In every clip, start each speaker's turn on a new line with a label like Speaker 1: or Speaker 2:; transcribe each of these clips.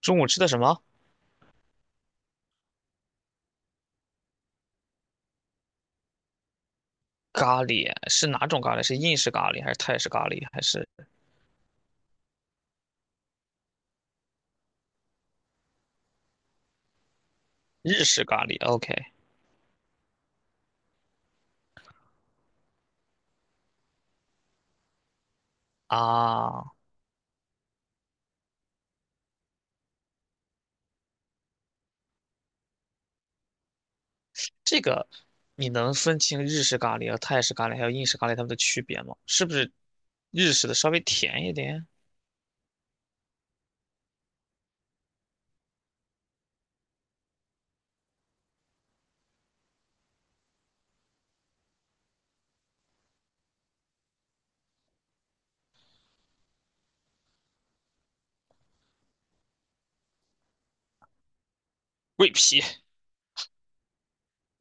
Speaker 1: 中午吃的什么？咖喱是哪种咖喱？是印式咖喱还是泰式咖喱还是日式咖喱？OK 啊，这个你能分清日式咖喱和泰式咖喱还有印式咖喱它们的区别吗？是不是日式的稍微甜一点？桂皮、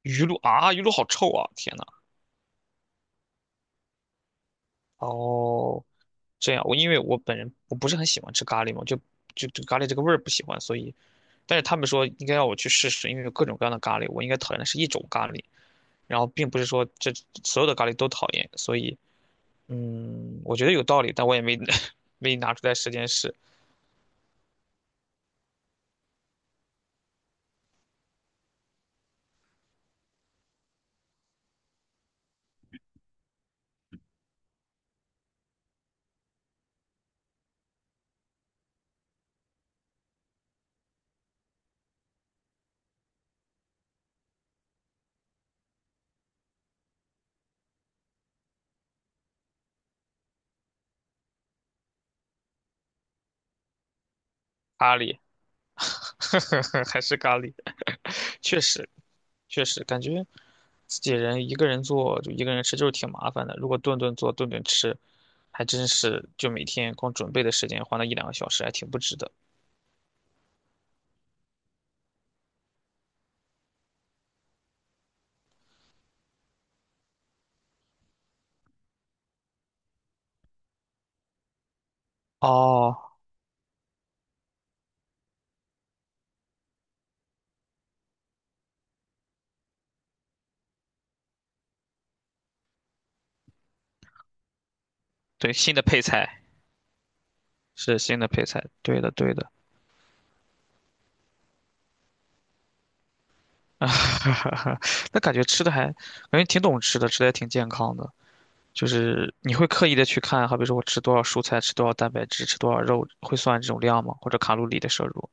Speaker 1: 鱼露啊，鱼露好臭啊！天呐。哦，这样，我因为我本人我不是很喜欢吃咖喱嘛，就对咖喱这个味儿不喜欢，所以但是他们说应该让我去试试，因为有各种各样的咖喱，我应该讨厌的是一种咖喱。然后并不是说这所有的咖喱都讨厌，所以我觉得有道理，但我也没 没拿出来时间试。咖喱，还是咖喱，确实感觉自己人一个人做就一个人吃就是挺麻烦的，如果顿顿做顿顿吃，还真是就每天光准备的时间花那一两个小时，还挺不值得。哦，对，新的配菜是新的配菜，对的对的，啊，那感觉吃的还感觉挺懂吃的，吃的还挺健康的。就是你会刻意的去看，好比说我吃多少蔬菜，吃多少蛋白质，吃多少肉，会算这种量吗？或者卡路里的摄入？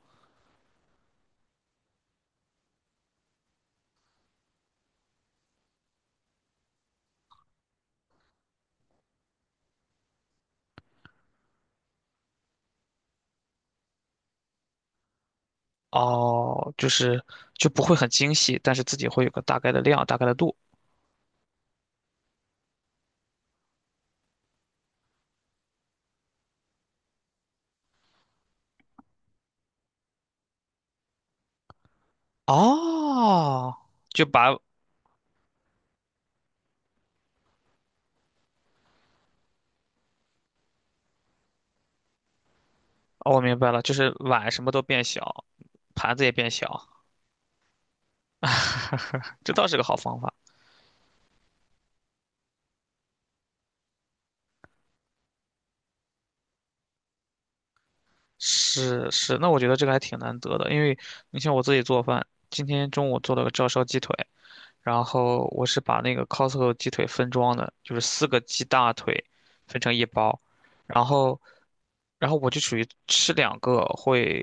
Speaker 1: 哦，就是就不会很精细，但是自己会有个大概的量，大概的度。哦，哦，我明白了，就是碗什么都变小，盘子也变小，这倒是个好方法。是是，那我觉得这个还挺难得的，因为你像我自己做饭，今天中午做了个照烧鸡腿，然后我是把那个 Costco 鸡腿分装的，就是四个鸡大腿分成一包，然后，然后我就属于吃两个会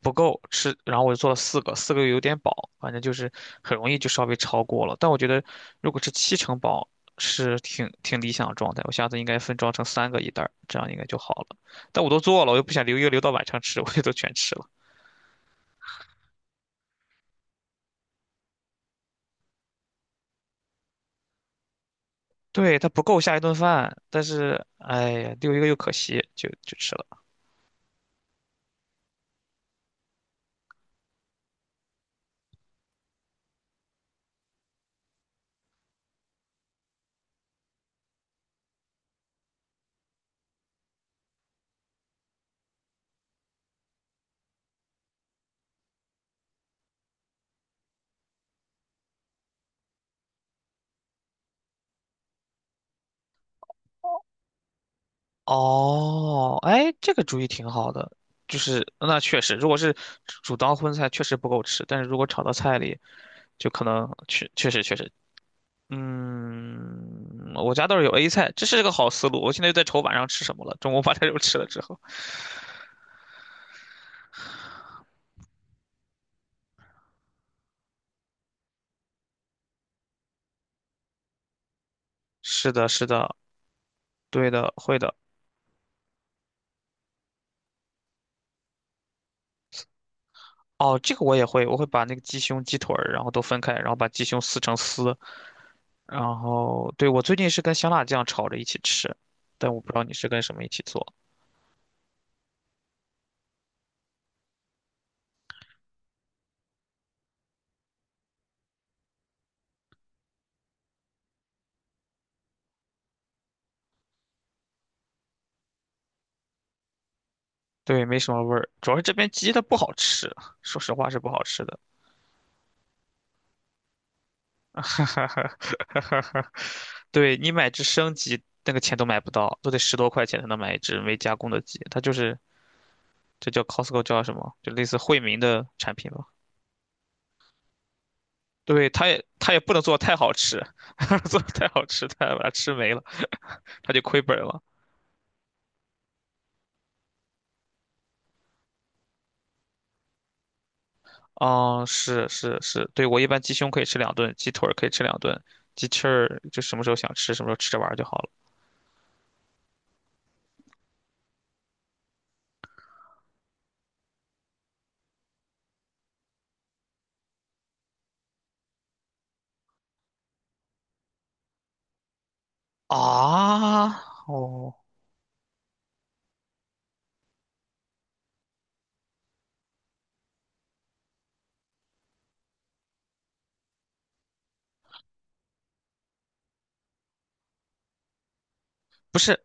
Speaker 1: 不够吃，然后我就做了四个，四个又有点饱，反正就是很容易就稍微超过了。但我觉得如果是七成饱是挺挺理想的状态，我下次应该分装成三个一袋儿，这样应该就好了。但我都做了，我又不想留一个留到晚上吃，我就都全吃了。对，它不够下一顿饭，但是哎呀，留一个又可惜，就就吃了。哦，哎，这个主意挺好的，就是那确实，如果是煮当荤菜，确实不够吃，但是如果炒到菜里，就可能确实，我家倒是有 A 菜，这是个好思路。我现在就在愁晚上吃什么了，中午把这肉 吃了之后。是的，是的，对的，会的。哦，这个我也会，我会把那个鸡胸、鸡腿儿，然后都分开，然后把鸡胸撕成丝，然后对，我最近是跟香辣酱炒着一起吃，但我不知道你是跟什么一起做。对，没什么味儿，主要是这边鸡它不好吃，说实话是不好吃的。对，你买只生鸡，那个钱都买不到，都得十多块钱才能买一只没加工的鸡。它就是这叫 Costco 叫什么？就类似惠民的产品吧。对，它也不能做得太好吃，做得太好吃，它把它吃没了，它就亏本了。哦，是是是，对，我一般鸡胸可以吃两顿，鸡腿儿可以吃两顿，鸡翅儿就什么时候想吃什么时候吃着玩儿就好了。啊，哦，不是，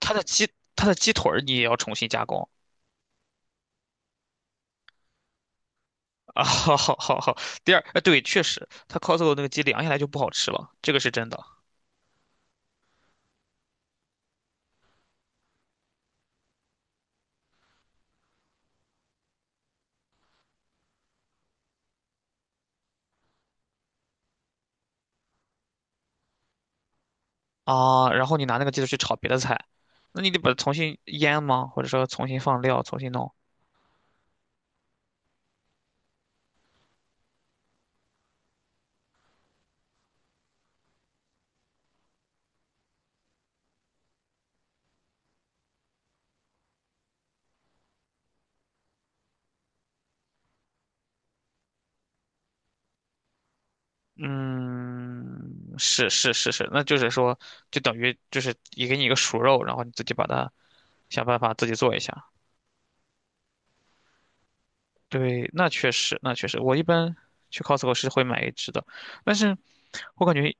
Speaker 1: 它的鸡它的鸡腿儿你也要重新加工啊！好好好好，第二，对，确实，它 c o s o 那个鸡凉下来就不好吃了，这个是真的啊。然后你拿那个鸡腿去炒别的菜，那你得把它重新腌吗？或者说重新放料，重新弄？嗯，是是是是，那就是说，就等于就是也给你一个熟肉，然后你自己把它想办法自己做一下。对，那确实，那确实，我一般去 Costco 是会买一只的，但是我感觉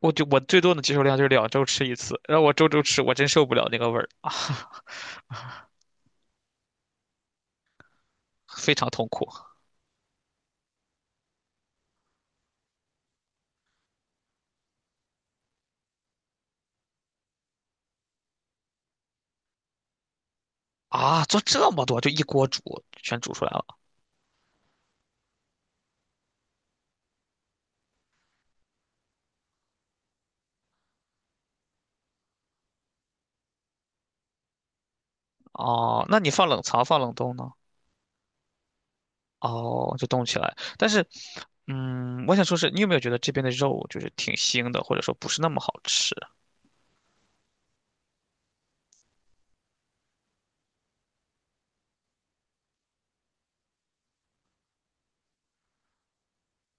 Speaker 1: 我就我最多的接受量就是两周吃一次，然后我周周吃，我真受不了那个味儿啊，非常痛苦啊！做这么多，就一锅煮，全煮出来了。哦，那你放冷藏放冷冻呢？哦，就冻起来。但是，我想说是你有没有觉得这边的肉就是挺腥的，或者说不是那么好吃？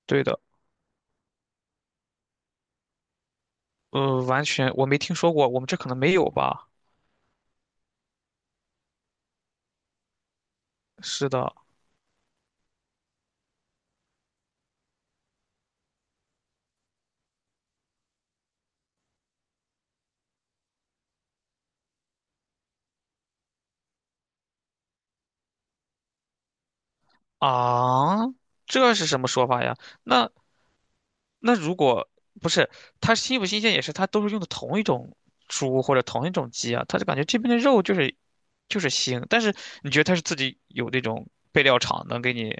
Speaker 1: 对的，呃，完全我没听说过，我们这可能没有吧？是的，啊，这是什么说法呀？那如果不是它新不新鲜，也是它都是用的同一种猪或者同一种鸡啊，它就感觉这边的肉就是腥，但是你觉得它是自己有那种备料厂能给你？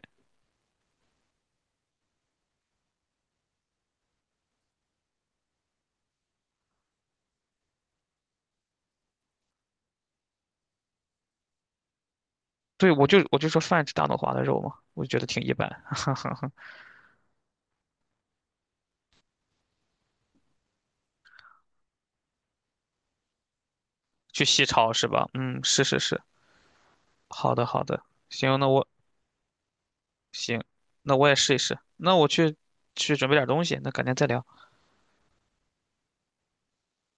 Speaker 1: 对，我就说泛指大脑华的肉嘛，我就觉得挺一般，去西超是吧？嗯，是是是，好的好的，行，行，那我也试一试，那我去准备点东西，那改天再聊。